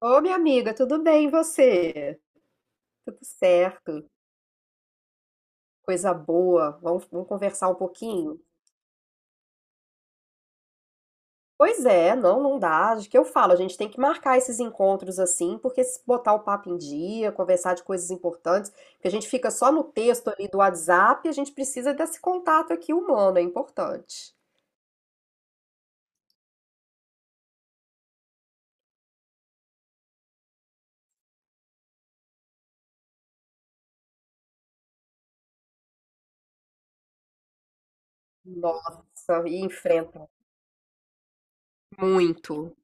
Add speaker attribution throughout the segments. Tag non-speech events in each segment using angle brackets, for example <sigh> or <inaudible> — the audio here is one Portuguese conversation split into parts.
Speaker 1: Ô, minha amiga, tudo bem, e você? Tudo certo, coisa boa, vamos conversar um pouquinho? Pois é, não dá, de que eu falo, a gente tem que marcar esses encontros assim, porque se botar o papo em dia, conversar de coisas importantes, porque a gente fica só no texto ali do WhatsApp, a gente precisa desse contato aqui humano, é importante. Nossa, e enfrenta muito,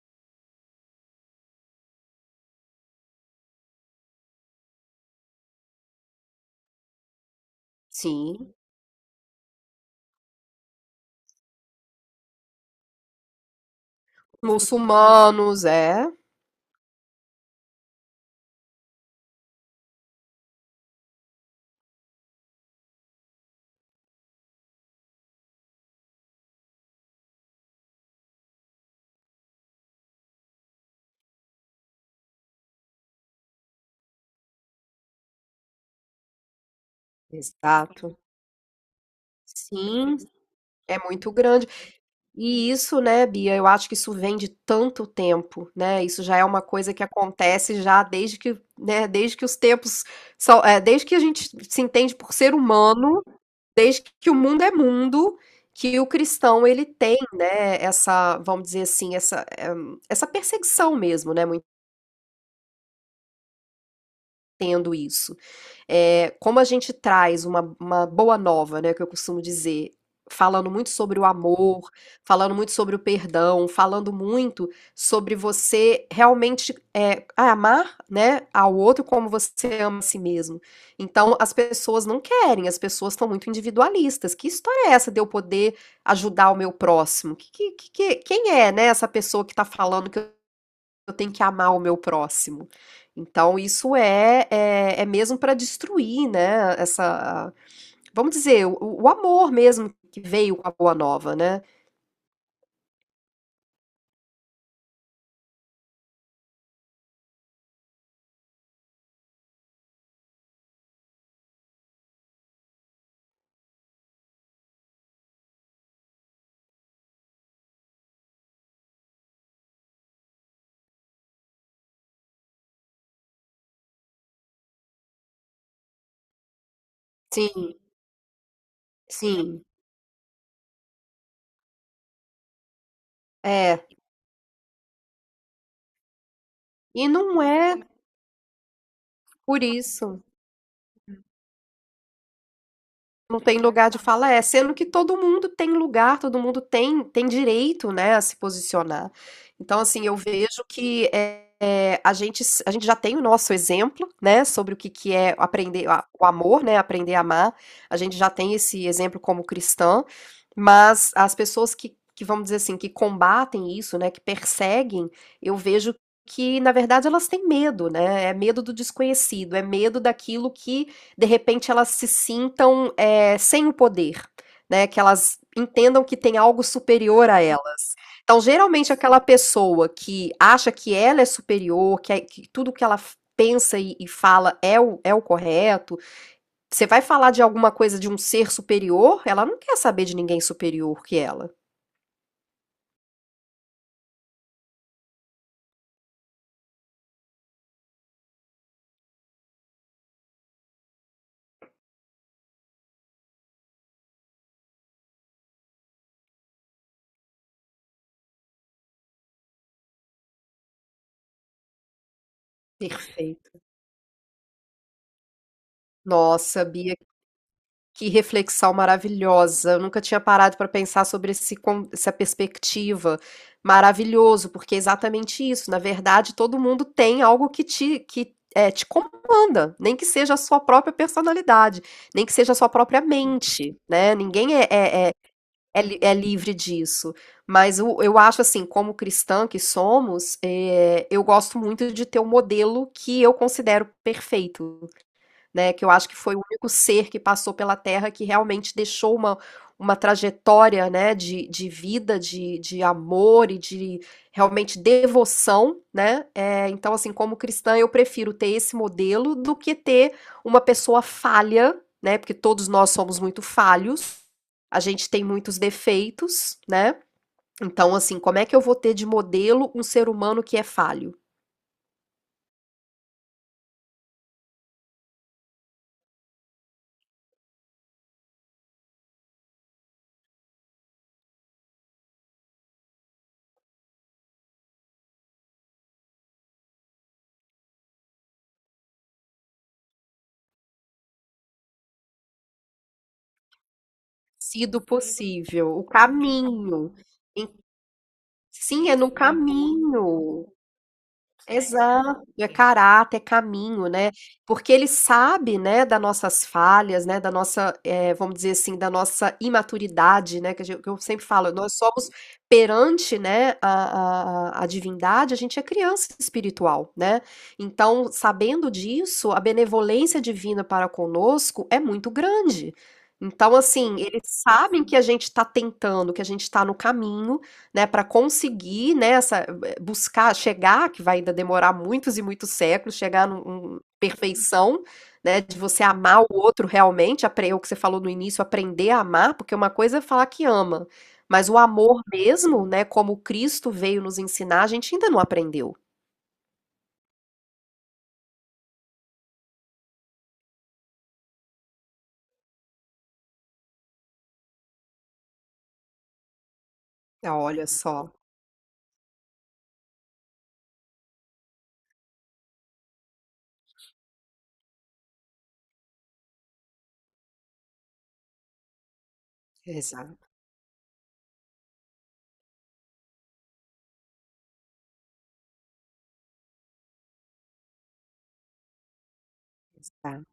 Speaker 1: sim. Muçulmanos, é, exato. Sim. É muito grande. E isso, né, Bia, eu acho que isso vem de tanto tempo, né? Isso já é uma coisa que acontece já desde que os tempos são, desde que a gente se entende por ser humano, desde que o mundo é mundo, que o cristão ele tem, né, essa, vamos dizer assim, essa, essa perseguição mesmo, né? muito Tendo isso. É, como a gente traz uma boa nova, né, que eu costumo dizer, falando muito sobre o amor, falando muito sobre o perdão, falando muito sobre você realmente amar, né, ao outro como você ama a si mesmo. Então, as pessoas não querem, as pessoas estão muito individualistas. Que história é essa de eu poder ajudar o meu próximo? Quem é, né, essa pessoa que está falando que eu tenho que amar o meu próximo. Então, isso é mesmo para destruir, né? Essa, vamos dizer, o amor mesmo que veio com a Boa Nova, né? Sim, sim. É, e não é por isso. Não tem lugar de fala, é, sendo que todo mundo tem lugar, todo mundo tem direito, né, a se posicionar. Então, assim, eu vejo que, a gente já tem o nosso exemplo, né, sobre o que que é aprender a o amor, né, aprender a amar, a gente já tem esse exemplo como cristã, mas as pessoas que vamos dizer assim, que combatem isso, né, que perseguem, eu vejo que na verdade elas têm medo, né, é medo do desconhecido, é medo daquilo que de repente elas se sintam sem o poder, né? Que elas entendam que tem algo superior a ela. Então, geralmente, aquela pessoa que acha que ela é superior, que tudo que pensa e fala é é o correto, você vai falar de alguma coisa de um ser superior, ela não quer saber de ninguém superior que ela. Perfeito. Nossa, Bia, que reflexão maravilhosa. Eu nunca tinha parado para pensar sobre essa perspectiva. Maravilhoso, porque é exatamente isso. Na verdade, todo mundo tem algo que te comanda, nem que seja a sua própria personalidade, nem que seja a sua própria mente, né? Ninguém é livre disso. Eu acho assim, como cristã que somos, eu gosto muito de ter um modelo que eu considero perfeito. Né, que eu acho que foi o único ser que passou pela Terra que realmente deixou uma trajetória, né, de vida, de amor e de realmente devoção, né, então, assim, como cristã eu prefiro ter esse modelo do que ter uma pessoa falha, né, porque todos nós somos muito falhos, a gente tem muitos defeitos, né, então, assim, como é que eu vou ter de modelo um ser humano que é falho? Sido possível, o caminho. Sim, é no caminho. Exato, <laughs> é caráter, é caminho, né. Porque ele sabe, né, das nossas falhas, né, da nossa, vamos dizer assim, da nossa imaturidade, né, que a gen que eu sempre falo, nós somos perante, né, a divindade, a gente é criança espiritual, né. Então, sabendo disso, a benevolência divina para conosco é muito grande. Então, assim, eles sabem que a gente está tentando, que a gente está no caminho, né, para conseguir, né, essa buscar chegar, que vai ainda demorar muitos e muitos séculos, chegar numa perfeição, né, de você amar o outro realmente, é o que você falou no início, aprender a amar, porque uma coisa é falar que ama, mas o amor mesmo, né, como Cristo veio nos ensinar, a gente ainda não aprendeu. Ah, olha só, exato, exato.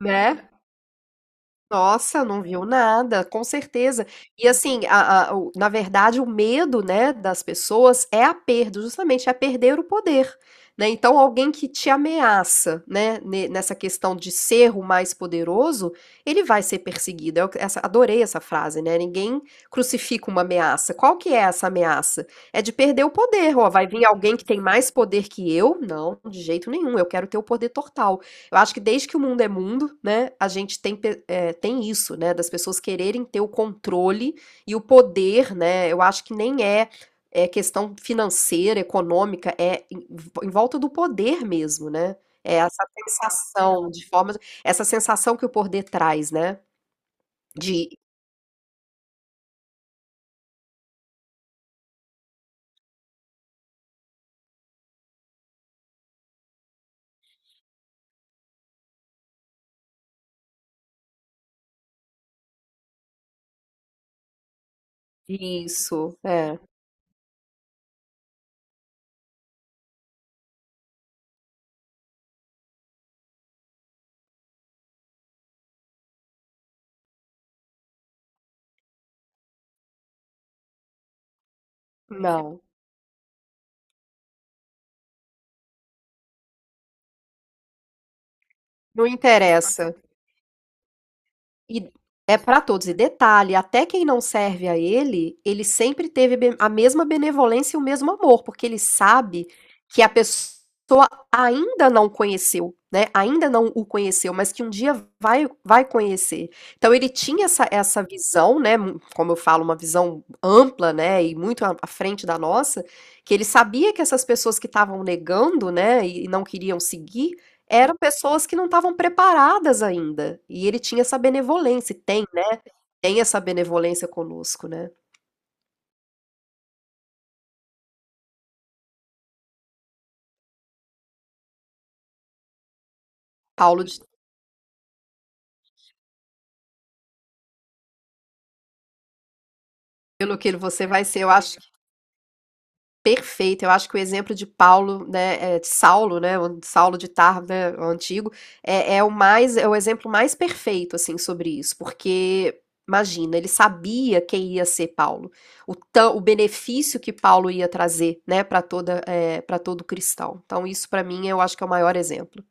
Speaker 1: Né? Nossa, não viu nada, com certeza. E assim, na verdade, o medo, né, das pessoas é a perda, justamente, é perder o poder, né? Então, alguém que te ameaça, né, nessa questão de ser o mais poderoso, ele vai ser perseguido. Adorei essa frase, né? Ninguém crucifica uma ameaça. Qual que é essa ameaça? É de perder o poder. Ó, vai vir alguém que tem mais poder que eu? Não, de jeito nenhum. Eu quero ter o poder total. Eu acho que desde que o mundo é mundo, né, a gente tem, tem isso, né, das pessoas quererem ter o controle e o poder, né, eu acho que nem é, é questão financeira, econômica, em volta do poder mesmo, né, é essa sensação de forma, essa sensação que o poder traz, né, de isso, é, não, não interessa. E é para todos. E detalhe, até quem não serve a ele, ele sempre teve a mesma benevolência e o mesmo amor, porque ele sabe que a pessoa ainda não conheceu, né? Ainda não o conheceu, mas que um dia vai conhecer. Então ele tinha essa visão, né? Como eu falo, uma visão ampla, né? E muito à frente da nossa, que ele sabia que essas pessoas que estavam negando, né? E não queriam seguir eram pessoas que não estavam preparadas ainda, e ele tinha essa benevolência, e tem, né, tem essa benevolência conosco, né. Paulo de Pelo que você vai ser, eu acho que perfeito, eu acho que o exemplo de Paulo, né, de Saulo, né, o Saulo de Tarso, né, o antigo, é é o mais é o exemplo mais perfeito, assim, sobre isso, porque, imagina, ele sabia quem ia ser Paulo, o benefício que Paulo ia trazer, né, para todo cristão. Então isso para mim eu acho que é o maior exemplo.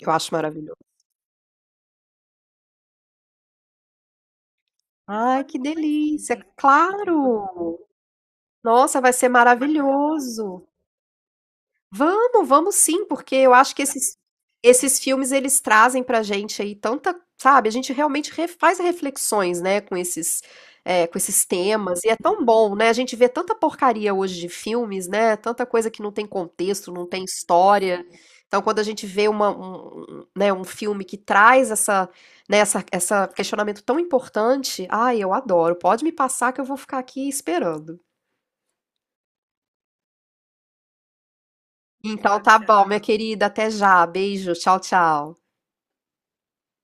Speaker 1: Eu acho maravilhoso. Ai, que delícia, claro! Nossa, vai ser maravilhoso. Vamos, vamos sim, porque eu acho que esses filmes eles trazem pra gente aí tanta, sabe, a gente realmente re faz reflexões, né, com esses, com esses temas, e é tão bom, né, a gente vê tanta porcaria hoje de filmes, né, tanta coisa que não tem contexto, não tem história, então quando a gente vê uma, um, né, um filme que traz essa, né, essa questionamento tão importante, ai, eu adoro, pode me passar que eu vou ficar aqui esperando. Então tá bom, minha querida, até já, beijo, tchau, tchau.